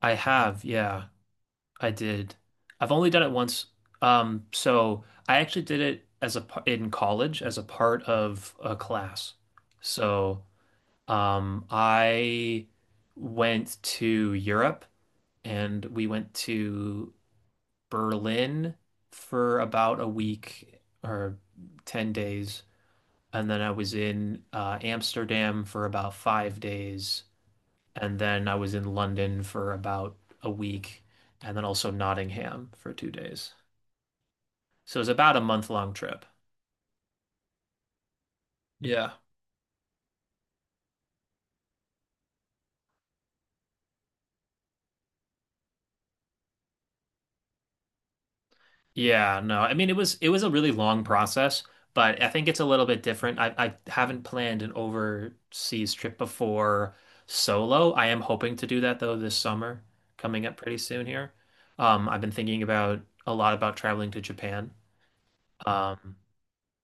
I have, yeah, I did. I've only done it once. So I actually did it as in college as a part of a class. So I went to Europe and we went to Berlin for about a week or 10 days. And then I was in Amsterdam for about 5 days. And then I was in London for about a week and then also Nottingham for 2 days. So it was about a month long trip. Yeah. Yeah, no. I mean it was a really long process, but I think it's a little bit different. I haven't planned an overseas trip before solo. I am hoping to do that though this summer, coming up pretty soon here. I've been thinking about a lot about traveling to Japan. Um,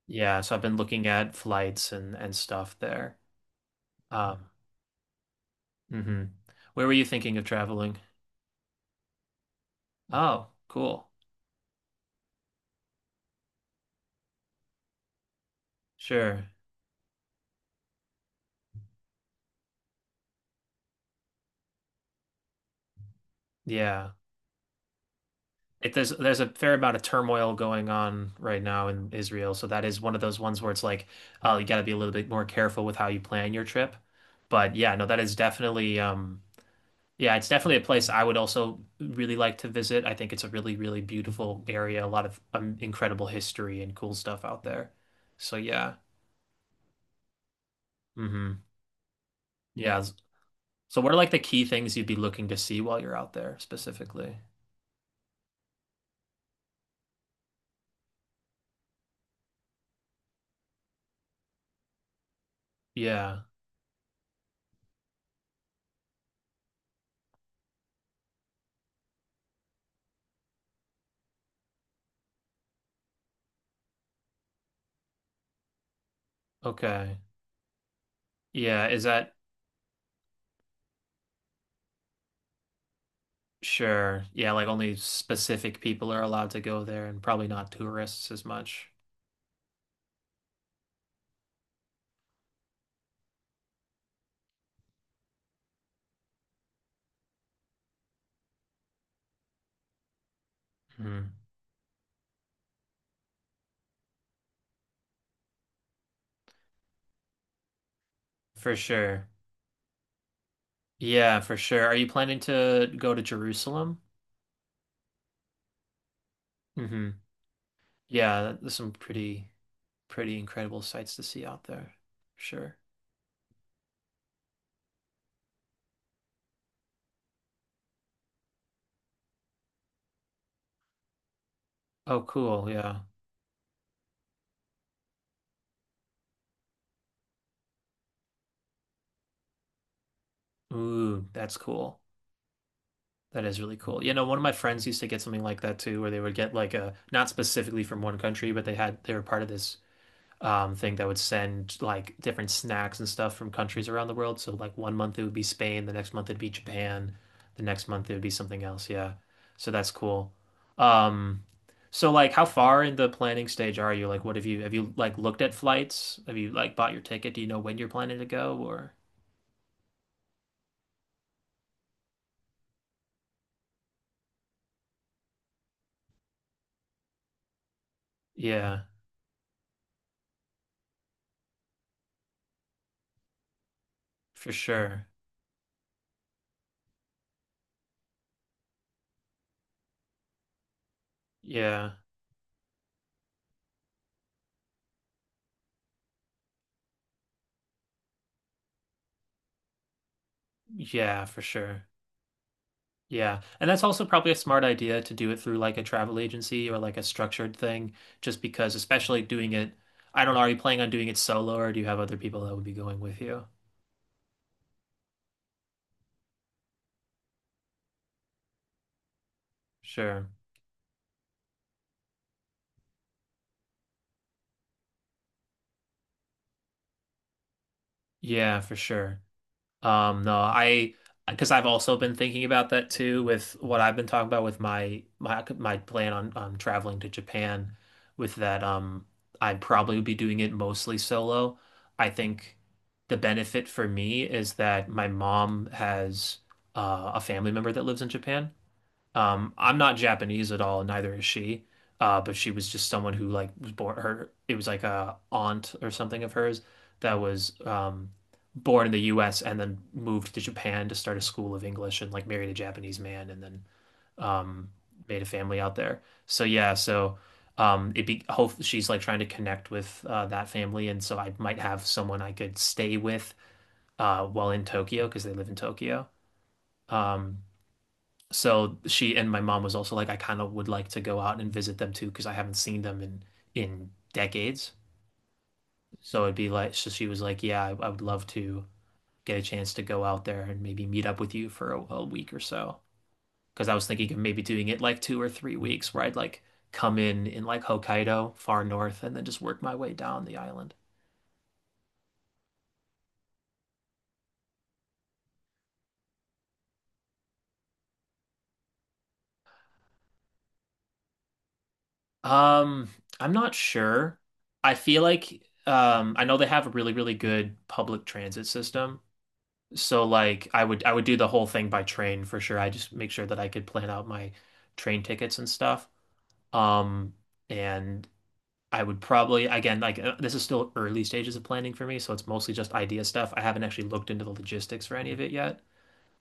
yeah, so I've been looking at flights and stuff there. Um, hmm Where were you thinking of traveling? Oh, cool. Sure. Yeah. There's a fair amount of turmoil going on right now in Israel, so that is one of those ones where it's like, oh, you got to be a little bit more careful with how you plan your trip. But yeah, no, that is definitely yeah, it's definitely a place I would also really like to visit. I think it's a really, really beautiful area, a lot of incredible history and cool stuff out there. So yeah. Hmm. Yeah. Yeah, so what are like the key things you'd be looking to see while you're out there specifically? Yeah. Okay. Yeah, is that sure? Yeah, like only specific people are allowed to go there and probably not tourists as much. Hmm. For sure. Yeah, for sure. Are you planning to go to Jerusalem? Hmm. Yeah, there's some pretty incredible sights to see out there. Sure. Oh, cool. Yeah. Ooh, that's cool. That is really cool. You know, one of my friends used to get something like that too, where they would get like a not specifically from one country, but they were part of this thing that would send like different snacks and stuff from countries around the world. So like one month it would be Spain, the next month it'd be Japan, the next month it would be something else. Yeah, so that's cool. Um, so like, how far in the planning stage are you? Like, what have you like looked at flights? Have you like bought your ticket? Do you know when you're planning to go? Or yeah, for sure. Yeah, yeah, for sure. Yeah. And that's also probably a smart idea to do it through like a travel agency or like a structured thing, just because, especially doing it, I don't know, are you planning on doing it solo or do you have other people that would be going with you? Sure. Yeah, for sure. No, I because I've also been thinking about that too with what I've been talking about with my plan on traveling to Japan with that, I probably would be doing it mostly solo. I think the benefit for me is that my mom has a family member that lives in Japan. I'm not Japanese at all, and neither is she. But she was just someone who like was born her it was like a aunt or something of hers that was born in the US and then moved to Japan to start a school of English and like married a Japanese man and then um made a family out there. So yeah, so it be hope she's like trying to connect with that family and so I might have someone I could stay with while in Tokyo because they live in Tokyo. Um so she, and my mom was also like, I kind of would like to go out and visit them too because I haven't seen them in decades. So it'd be like, so she was like, yeah, I would love to get a chance to go out there and maybe meet up with you for a week or so. Because I was thinking of maybe doing it like 2 or 3 weeks where I'd like come in like Hokkaido, far north, and then just work my way down the island. Um, I'm not sure. I feel like I know they have a really, really good public transit system. So like I would do the whole thing by train for sure. I just make sure that I could plan out my train tickets and stuff. Um, and I would probably again like this is still early stages of planning for me, so it's mostly just idea stuff. I haven't actually looked into the logistics for any of it yet,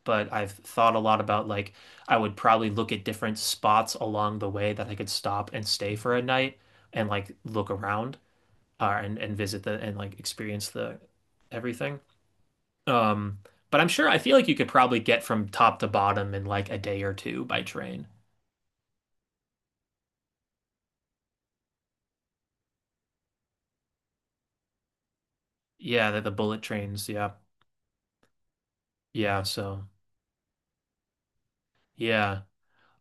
but I've thought a lot about like I would probably look at different spots along the way that I could stop and stay for a night and like look around and visit the and like experience the everything. Um, but I'm sure I feel like you could probably get from top to bottom in like a day or two by train. Yeah, the bullet trains. Yeah. Yeah, so yeah.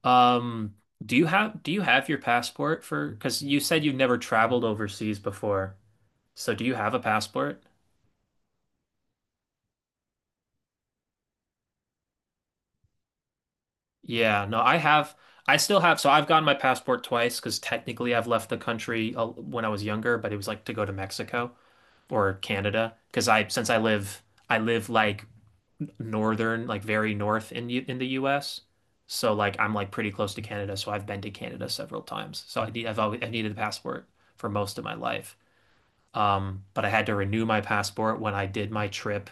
Um, do you have your passport for because you said you've never traveled overseas before. So do you have a passport? Yeah, no, I have I still have, so I've gotten my passport twice because technically I've left the country when I was younger, but it was like to go to Mexico or Canada because I since I live like northern, like very north in the US. So like I'm like pretty close to Canada, so I've been to Canada several times. So I've needed a passport for most of my life. But I had to renew my passport when I did my trip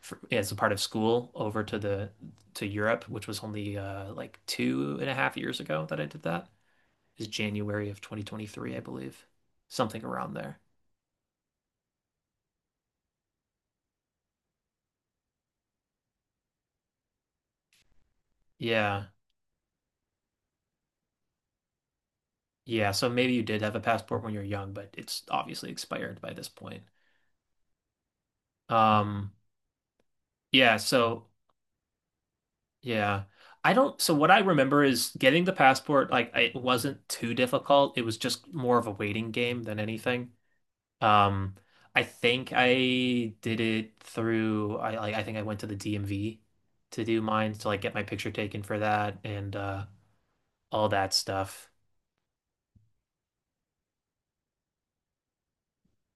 for, as a part of school over to Europe, which was only like two and a half years ago that I did that. It's January of 2023, I believe. Something around there. Yeah. Yeah, so maybe you did have a passport when you were young, but it's obviously expired by this point. Um, Yeah, so yeah. I don't, so what I remember is getting the passport like it wasn't too difficult. It was just more of a waiting game than anything. Um I think I did it through I like I think I went to the DMV to do mine to like get my picture taken for that and all that stuff.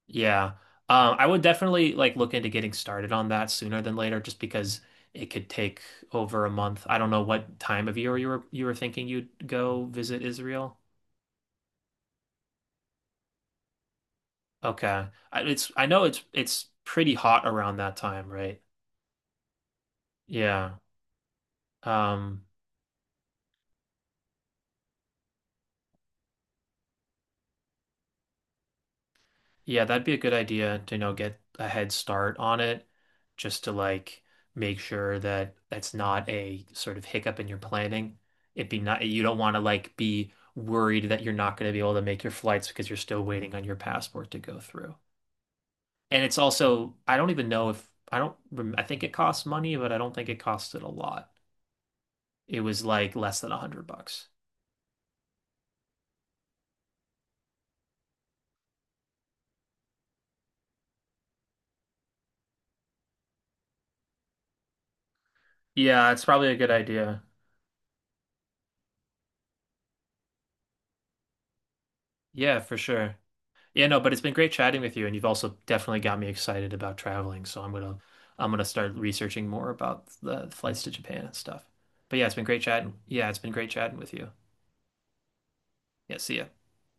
Yeah. I would definitely like look into getting started on that sooner than later just because it could take over a month. I don't know what time of year you were thinking you'd go visit Israel. Okay. I know it's pretty hot around that time, right? Yeah. Um, yeah, that'd be a good idea to, you know, get a head start on it just to like make sure that that's not a sort of hiccup in your planning. It'd be not, You don't want to like be worried that you're not going to be able to make your flights because you're still waiting on your passport to go through. And it's also, I don't even know if, I don't, rem- I think it costs money, but I don't think it costed a lot. It was like less than 100 bucks. Yeah, it's probably a good idea. Yeah, for sure. Yeah, no, but it's been great chatting with you, and you've also definitely got me excited about traveling. So I'm gonna start researching more about the flights to Japan and stuff. But yeah, it's been great chatting. Yeah, it's been great chatting with you. Yeah, see ya.